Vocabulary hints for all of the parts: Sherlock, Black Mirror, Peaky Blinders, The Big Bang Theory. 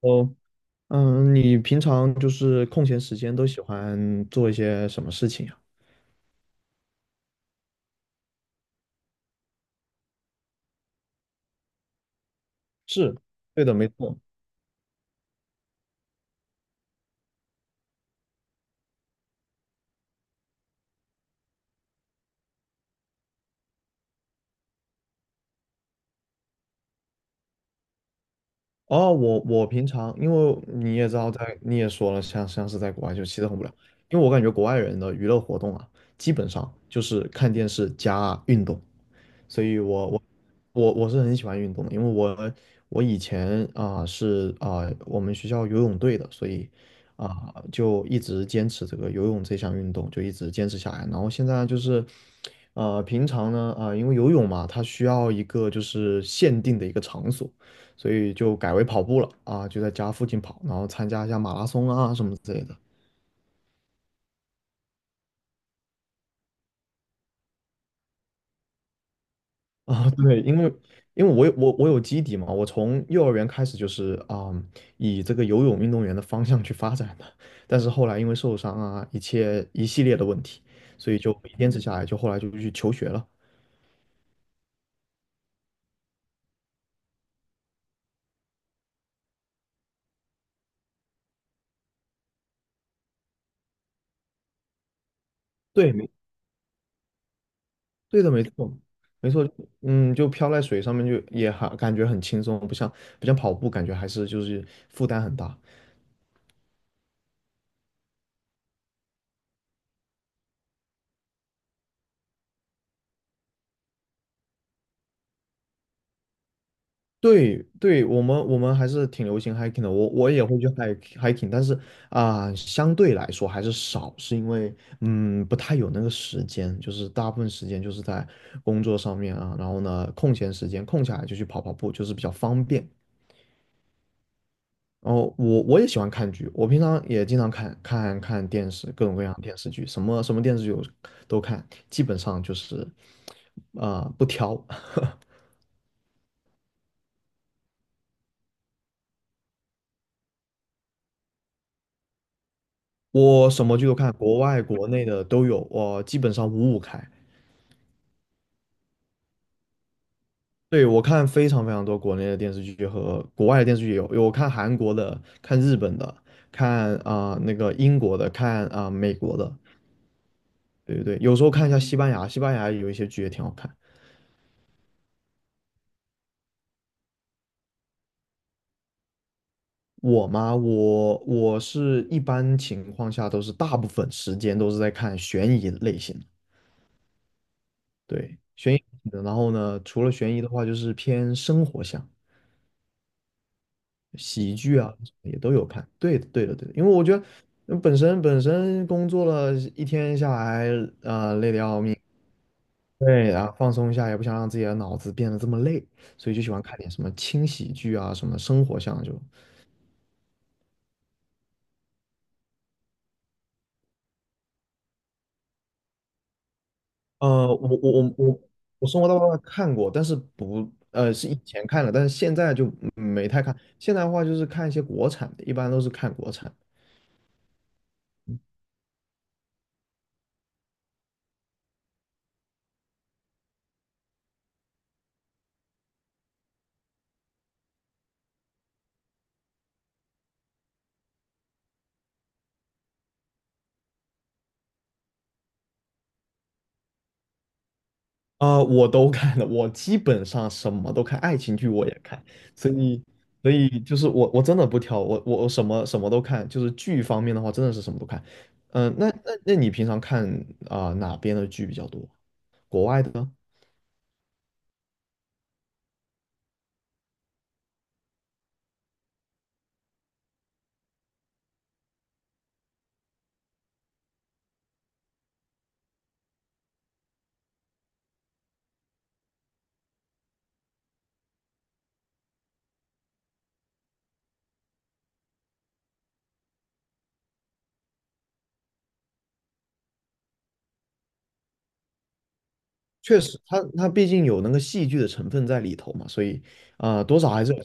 哦，嗯，你平常就是空闲时间都喜欢做一些什么事情呀？是，对的，没错。哦，我平常，因为你也知道在，你也说了，像是在国外就其实很无聊，因为我感觉国外人的娱乐活动啊，基本上就是看电视加运动。所以我是很喜欢运动的，因为我我以前我们学校游泳队的，所以就一直坚持这个游泳这项运动，就一直坚持下来。然后现在就是平常呢因为游泳嘛，它需要一个就是限定的一个场所，所以就改为跑步了就在家附近跑，然后参加一下马拉松啊什么之类的。啊，对，因为我有我有基底嘛，我从幼儿园开始就是以这个游泳运动员的方向去发展的，但是后来因为受伤啊，一切一系列的问题，所以就没坚持下来，就后来就去求学了。对，没对的，没错，没错，嗯，就漂在水上面就也还感觉很轻松，不像跑步，感觉还是就是负担很大。对对，我们还是挺流行 hiking 的，我我也会去 hiking，但是相对来说还是少，是因为不太有那个时间，就是大部分时间就是在工作上面啊，然后呢空闲时间空下来就去跑跑步，就是比较方便。然后我我也喜欢看剧，我平常也经常看看电视，各种各样的电视剧，什么电视剧我都看，基本上就是不挑。我什么剧都看，国外国内的都有，我基本上五五开。对，我看非常非常多国内的电视剧和国外的电视剧有，有我看韩国的，看日本的，看那个英国的，看美国的，对对对，有时候看一下西班牙，西班牙有一些剧也挺好看。我嘛，我是一般情况下都是大部分时间都是在看悬疑类型的，对，悬疑类型的。然后呢，除了悬疑的话，就是偏生活向。喜剧啊也都有看。对的，对的，对的，因为我觉得本身工作了一天下来，累得要命，对，然后放松一下，也不想让自己的脑子变得这么累，所以就喜欢看点什么轻喜剧啊，什么生活向就。呃，我我我《生活大爆炸》看过，但是不是以前看了，但是现在就没太看。现在的话就是看一些国产的，一般都是看国产。我都看了，我基本上什么都看，爱情剧我也看，所以，所以就是我真的不挑，我什么都看，就是剧方面的话，真的是什么都看。嗯、那你平常看哪边的剧比较多？国外的呢？确实，它毕竟有那个戏剧的成分在里头嘛，所以多少还是有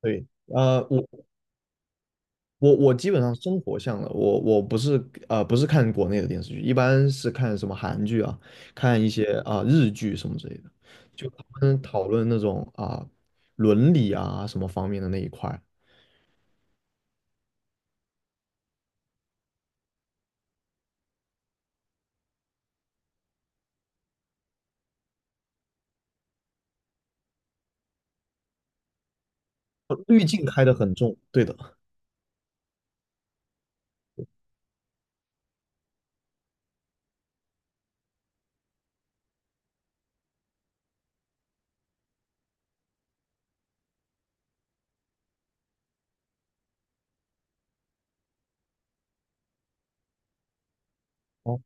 对。啊我我基本上生活向的，我我不是不是看国内的电视剧，一般是看什么韩剧啊，看一些日剧什么之类的，就他们讨论那种伦理啊什么方面的那一块儿哦，滤镜开的很重，对的。哦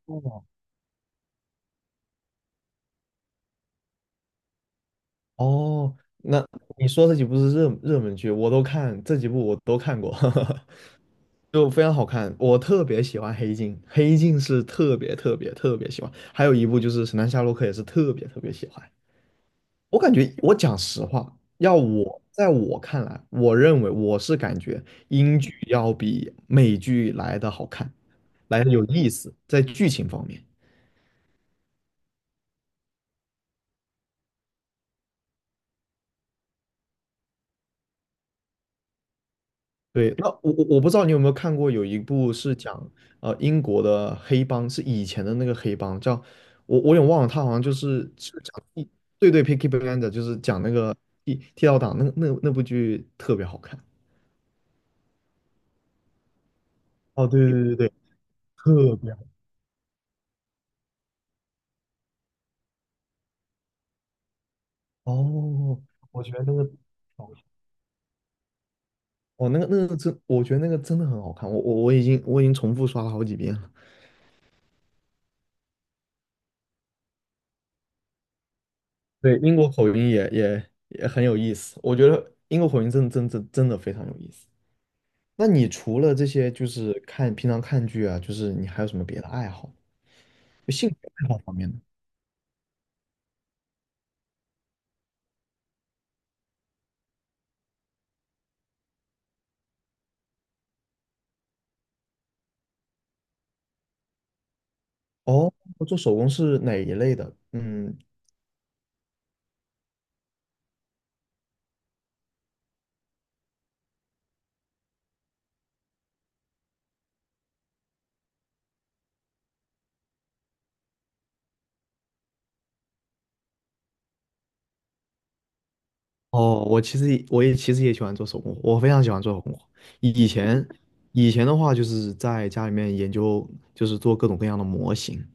哦，那你说这几部是热门剧，我都看，这几部我都看过，就非常好看。我特别喜欢黑镜，黑镜是特别特别特别喜欢，还有一部就是神探夏洛克也是特别特别喜欢。我感觉，我讲实话，要我我看来，我认为我是感觉英剧要比美剧来的好看，来的有意思，在剧情方面。对，那我不知道你有没有看过，有一部是讲英国的黑帮，是以前的那个黑帮，叫我我也忘了，他好像是讲地对对 p i c k y b l i n d e r 就是讲那个剃刀党，那部剧特别好看。哦，对对对对，特别好。哦，我觉得那个。哦哦，那个那个真，我觉得那个真的很好看，我已经我已经重复刷了好几遍了。对，英国口音也很有意思，我觉得英国口音真的真的非常有意思。那你除了这些，就是看平常看剧啊，就是你还有什么别的爱好？就兴趣爱好方面的。哦，做手工是哪一类的？嗯，哦，我也其实也喜欢做手工活，我非常喜欢做手工活以前的话，就是在家里面研究，就是做各种各样的模型。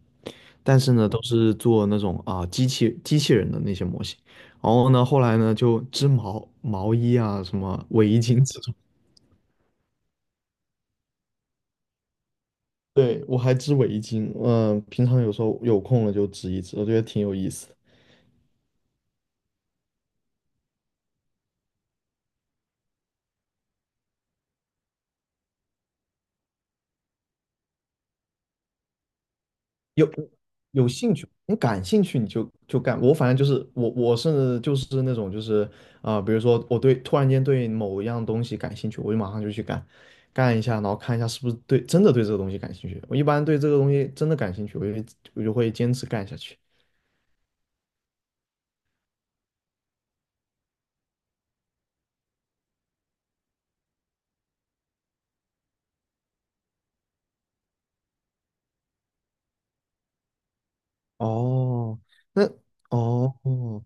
但是呢，都是做那种啊机器人的那些模型。然后呢，后来呢就织毛衣啊，什么围巾这种。对，我还织围巾，嗯、平常有时候有空了就织一织，我觉得挺有意思的。有有兴趣，你感兴趣你就干。我反正就是我是就是那种就是比如说突然间对某一样东西感兴趣，我就马上就去干，干一下，然后看一下是不是真的对这个东西感兴趣。我一般对这个东西真的感兴趣，我就会坚持干下去。哦，那哦哦，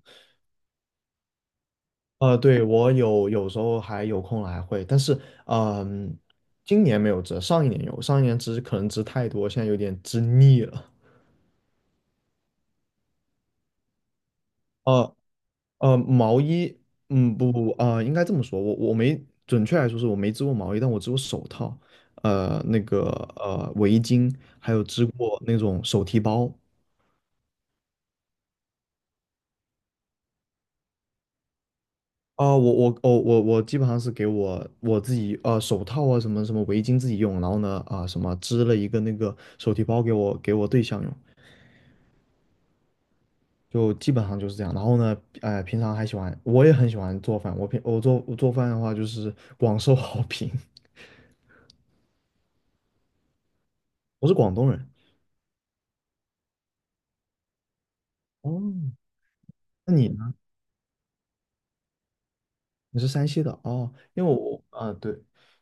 对，我有时候还有空了还会，但是嗯、今年没有织，上一年有，上一年织可能织太多，现在有点织腻了。哦。呃，毛衣，嗯，不不不，应该这么说，我我没准确来说是我没织过毛衣，但我织过手套，呃，那个围巾，还有织过那种手提包。我我基本上是给我自己手套啊什么围巾自己用，然后呢什么织了一个那个手提包给我对象用，就基本上就是这样。然后呢，呃，平常还喜欢，我也很喜欢做饭，我做饭的话就是广受好评，我是广东人。哦，那你呢？你是山西的哦，因为我啊对，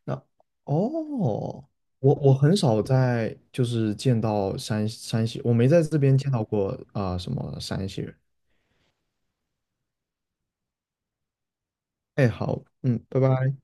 那哦，我我很少就是见到山西，我没在这边见到过什么山西人。哎，好，嗯，拜拜。